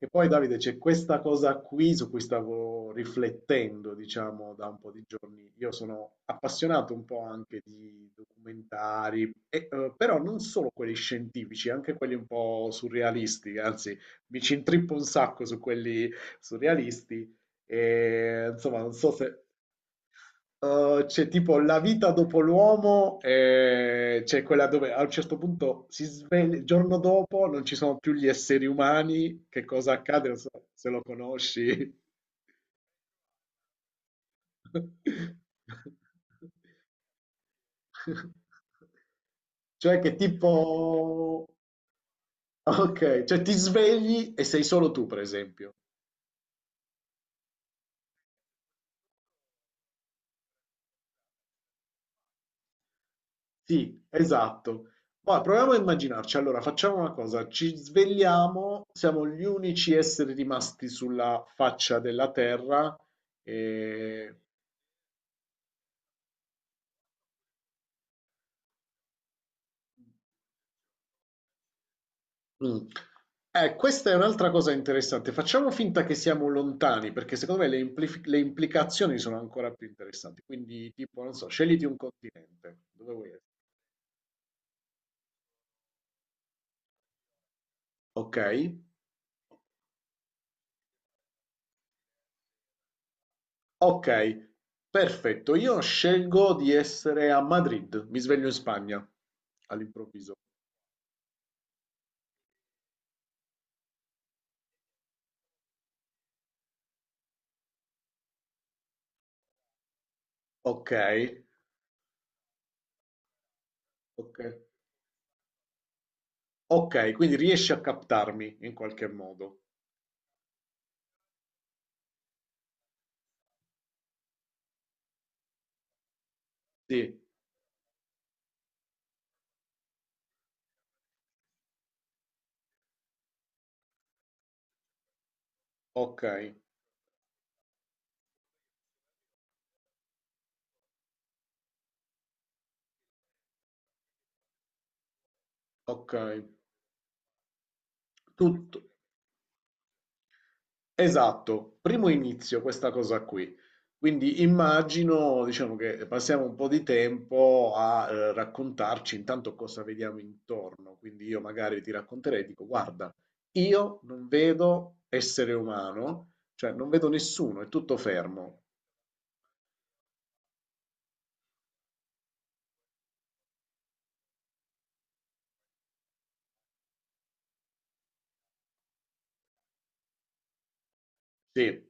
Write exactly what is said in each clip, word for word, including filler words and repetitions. E poi Davide, c'è questa cosa qui su cui stavo riflettendo, diciamo, da un po' di giorni. Io sono appassionato un po' anche di documentari, e, eh, però non solo quelli scientifici, anche quelli un po' surrealisti, anzi, mi ci intrippo un sacco su quelli surrealisti. E, insomma, non so se Uh, c'è tipo la vita dopo l'uomo, eh, c'è quella dove a un certo punto si sveglia, il giorno dopo non ci sono più gli esseri umani, che cosa accade? Non so se lo conosci. Cioè che tipo... Ok, cioè ti svegli e sei solo tu, per esempio. Sì, esatto. Ma proviamo a immaginarci. Allora, facciamo una cosa, ci svegliamo, siamo gli unici esseri rimasti sulla faccia della Terra. E... Mm. Eh, questa è un'altra cosa interessante. Facciamo finta che siamo lontani, perché secondo me le, implif- le implicazioni sono ancora più interessanti. Quindi, tipo, non so, scegliti un continente. Dove vuoi essere? Ok, ok, perfetto. Io scelgo di essere a Madrid, mi sveglio in Spagna all'improvviso. Okay, okay. Okay, quindi riesci a captarmi in qualche modo. Sì, okay, okay. Tutto esatto, primo inizio questa cosa qui. Quindi immagino, diciamo che passiamo un po' di tempo a, ehm, raccontarci intanto cosa vediamo intorno. Quindi io magari ti racconterei, dico: "Guarda, io non vedo essere umano, cioè non vedo nessuno, è tutto fermo". Sì,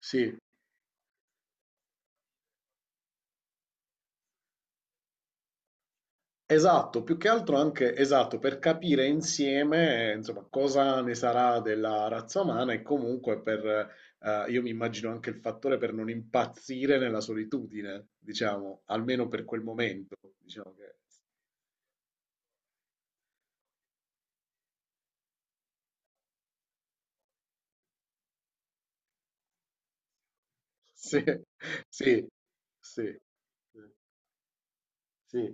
sì. Esatto, più che altro anche esatto, per capire insieme, eh, insomma, cosa ne sarà della razza umana e comunque per, eh, io mi immagino anche il fattore per non impazzire nella solitudine, diciamo, almeno per quel momento, diciamo che sì, sì, sì, sì.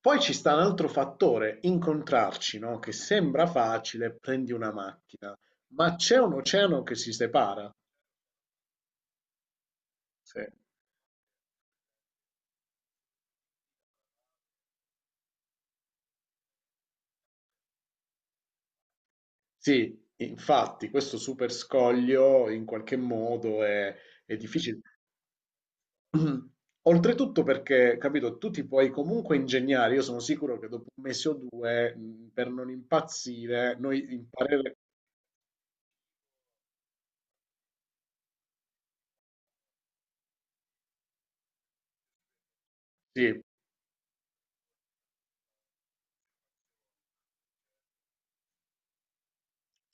Poi ci sta un altro fattore, incontrarci, no? Che sembra facile, prendi una macchina, ma c'è un oceano che si separa. Sì. Sì, infatti questo super scoglio in qualche modo è, è difficile. Oltretutto perché, capito, tu ti puoi comunque ingegnare, io sono sicuro che dopo un mese o due, mh, per non impazzire, noi impareremo... Sì,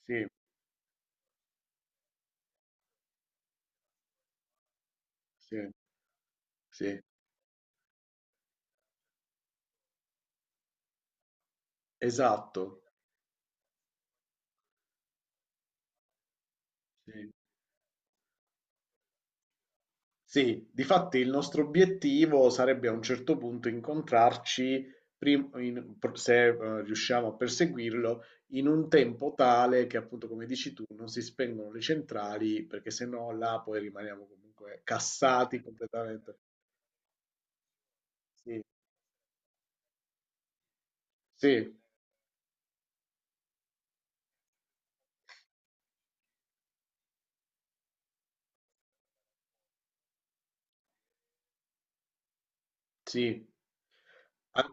sì, sì, sì, esatto. Sì. Sì, difatti il nostro obiettivo sarebbe a un certo punto incontrarci, prim- in- pro- se eh, riusciamo a perseguirlo, in un tempo tale che appunto, come dici tu, non si spengono le centrali, perché se no là poi rimaniamo comunque cassati completamente. Sì, sì, sì. An-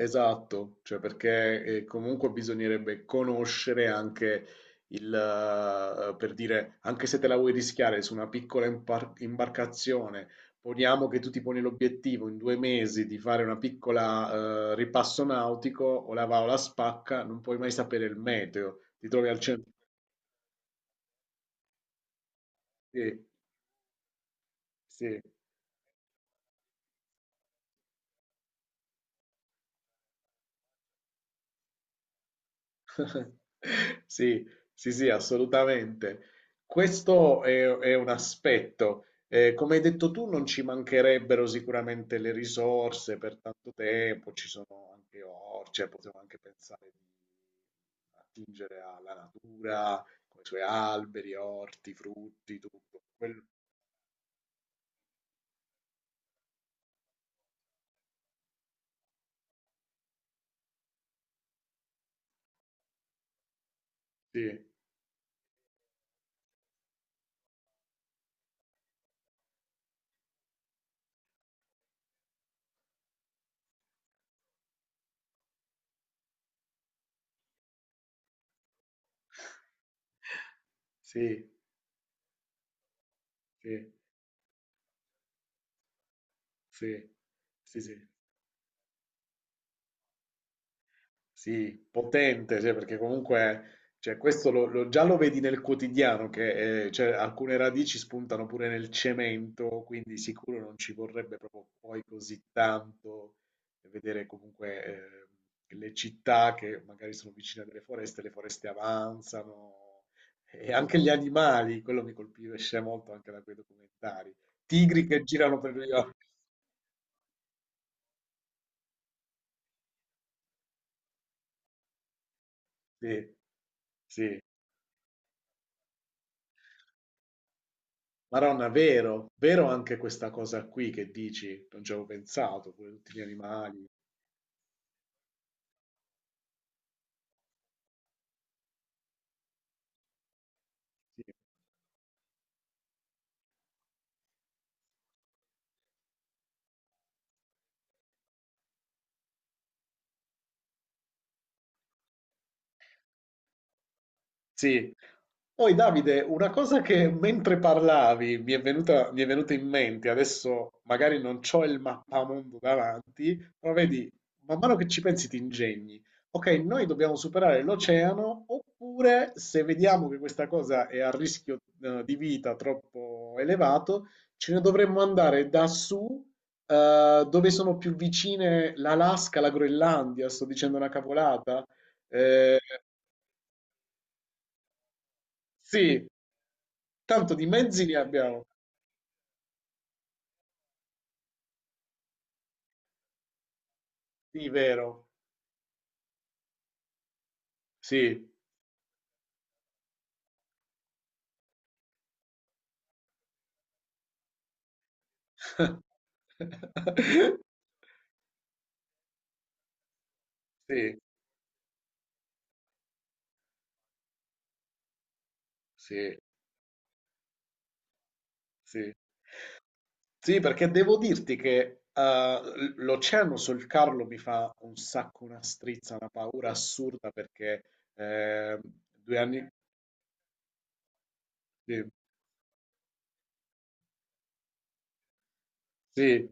Esatto, cioè perché eh, comunque bisognerebbe conoscere anche il, eh, per dire, anche se te la vuoi rischiare su una piccola impar- imbarcazione, poniamo che tu ti poni l'obiettivo in due mesi di fare una piccola eh, ripasso nautico, o la va o la spacca, non puoi mai sapere il meteo, ti trovi al centro. Sì, sì. Sì, sì, sì, assolutamente. Questo è, è un aspetto. Eh, come hai detto tu, non ci mancherebbero sicuramente le risorse per tanto tempo, ci sono anche orti, cioè possiamo anche pensare di attingere alla natura, con i suoi alberi, orti, frutti, tutto. Quello- sì, sì, sì, sì, sì, sì. Sì, potente, cioè, perché comunque cioè, questo lo- lo- già lo vedi nel quotidiano, che eh, cioè, alcune radici spuntano pure nel cemento, quindi sicuro non ci vorrebbe proprio poi così tanto vedere comunque eh, le città che magari sono vicine a delle foreste, le foreste avanzano, e anche gli animali, quello mi colpisce molto anche da quei documentari, tigri che girano per le... Sì, sì. Madonna, vero, vero anche questa cosa qui che dici, non ci avevo pensato, pure tutti gli animali. Sì. Sì. Poi Davide, una cosa che mentre parlavi mi è venuta, mi è venuta in mente, adesso magari non c'ho il mappamondo davanti, però vedi, man mano che ci pensi ti ingegni. Ok, noi dobbiamo superare l'oceano, oppure se vediamo che questa cosa è a rischio eh, di vita troppo elevato, ce ne dovremmo andare da su, eh, dove sono più vicine l'Alaska, la Groenlandia, sto dicendo una cavolata. Eh, sì, tanto di mezzi ne abbiamo. Sì, vero. Sì. Sì, sì, sì. Sì, perché devo dirti che eh, l- l'oceano sul Carlo mi fa un sacco una strizza, una paura assurda perché eh, due anni... Sì, sì,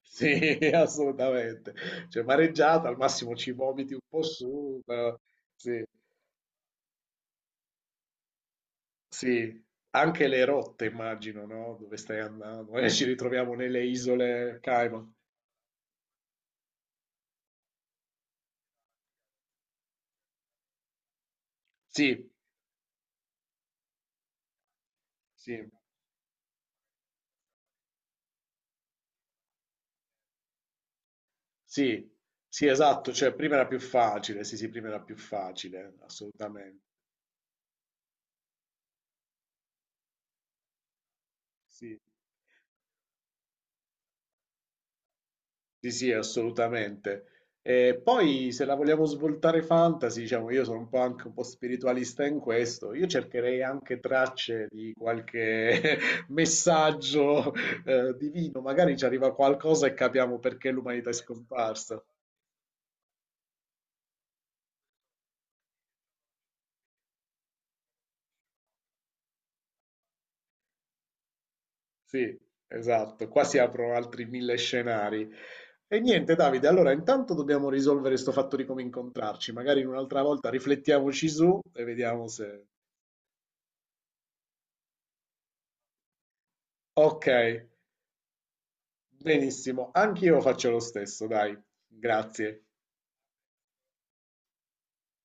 sì, assolutamente. Cioè, mareggiata, al massimo ci vomiti un po' su, però... Sì. Sì, anche le rotte immagino, no? Dove stai andando? Eh, ci ritroviamo nelle isole Cayman. Sì, sì, sì, sì, esatto, cioè prima era più facile, sì, sì, prima era più facile, assolutamente. Sì. Sì, sì, assolutamente. E poi se la vogliamo svoltare fantasy, diciamo, io sono un po' anche un po' spiritualista in questo, io cercherei anche tracce di qualche messaggio eh, divino, magari ci arriva qualcosa e capiamo perché l'umanità è scomparsa. Sì, esatto, qua si aprono altri mille scenari. E niente, Davide, allora intanto dobbiamo risolvere questo fatto di come incontrarci, magari un'altra volta riflettiamoci su e vediamo se... Ok. Benissimo, anch'io faccio lo stesso, dai, grazie.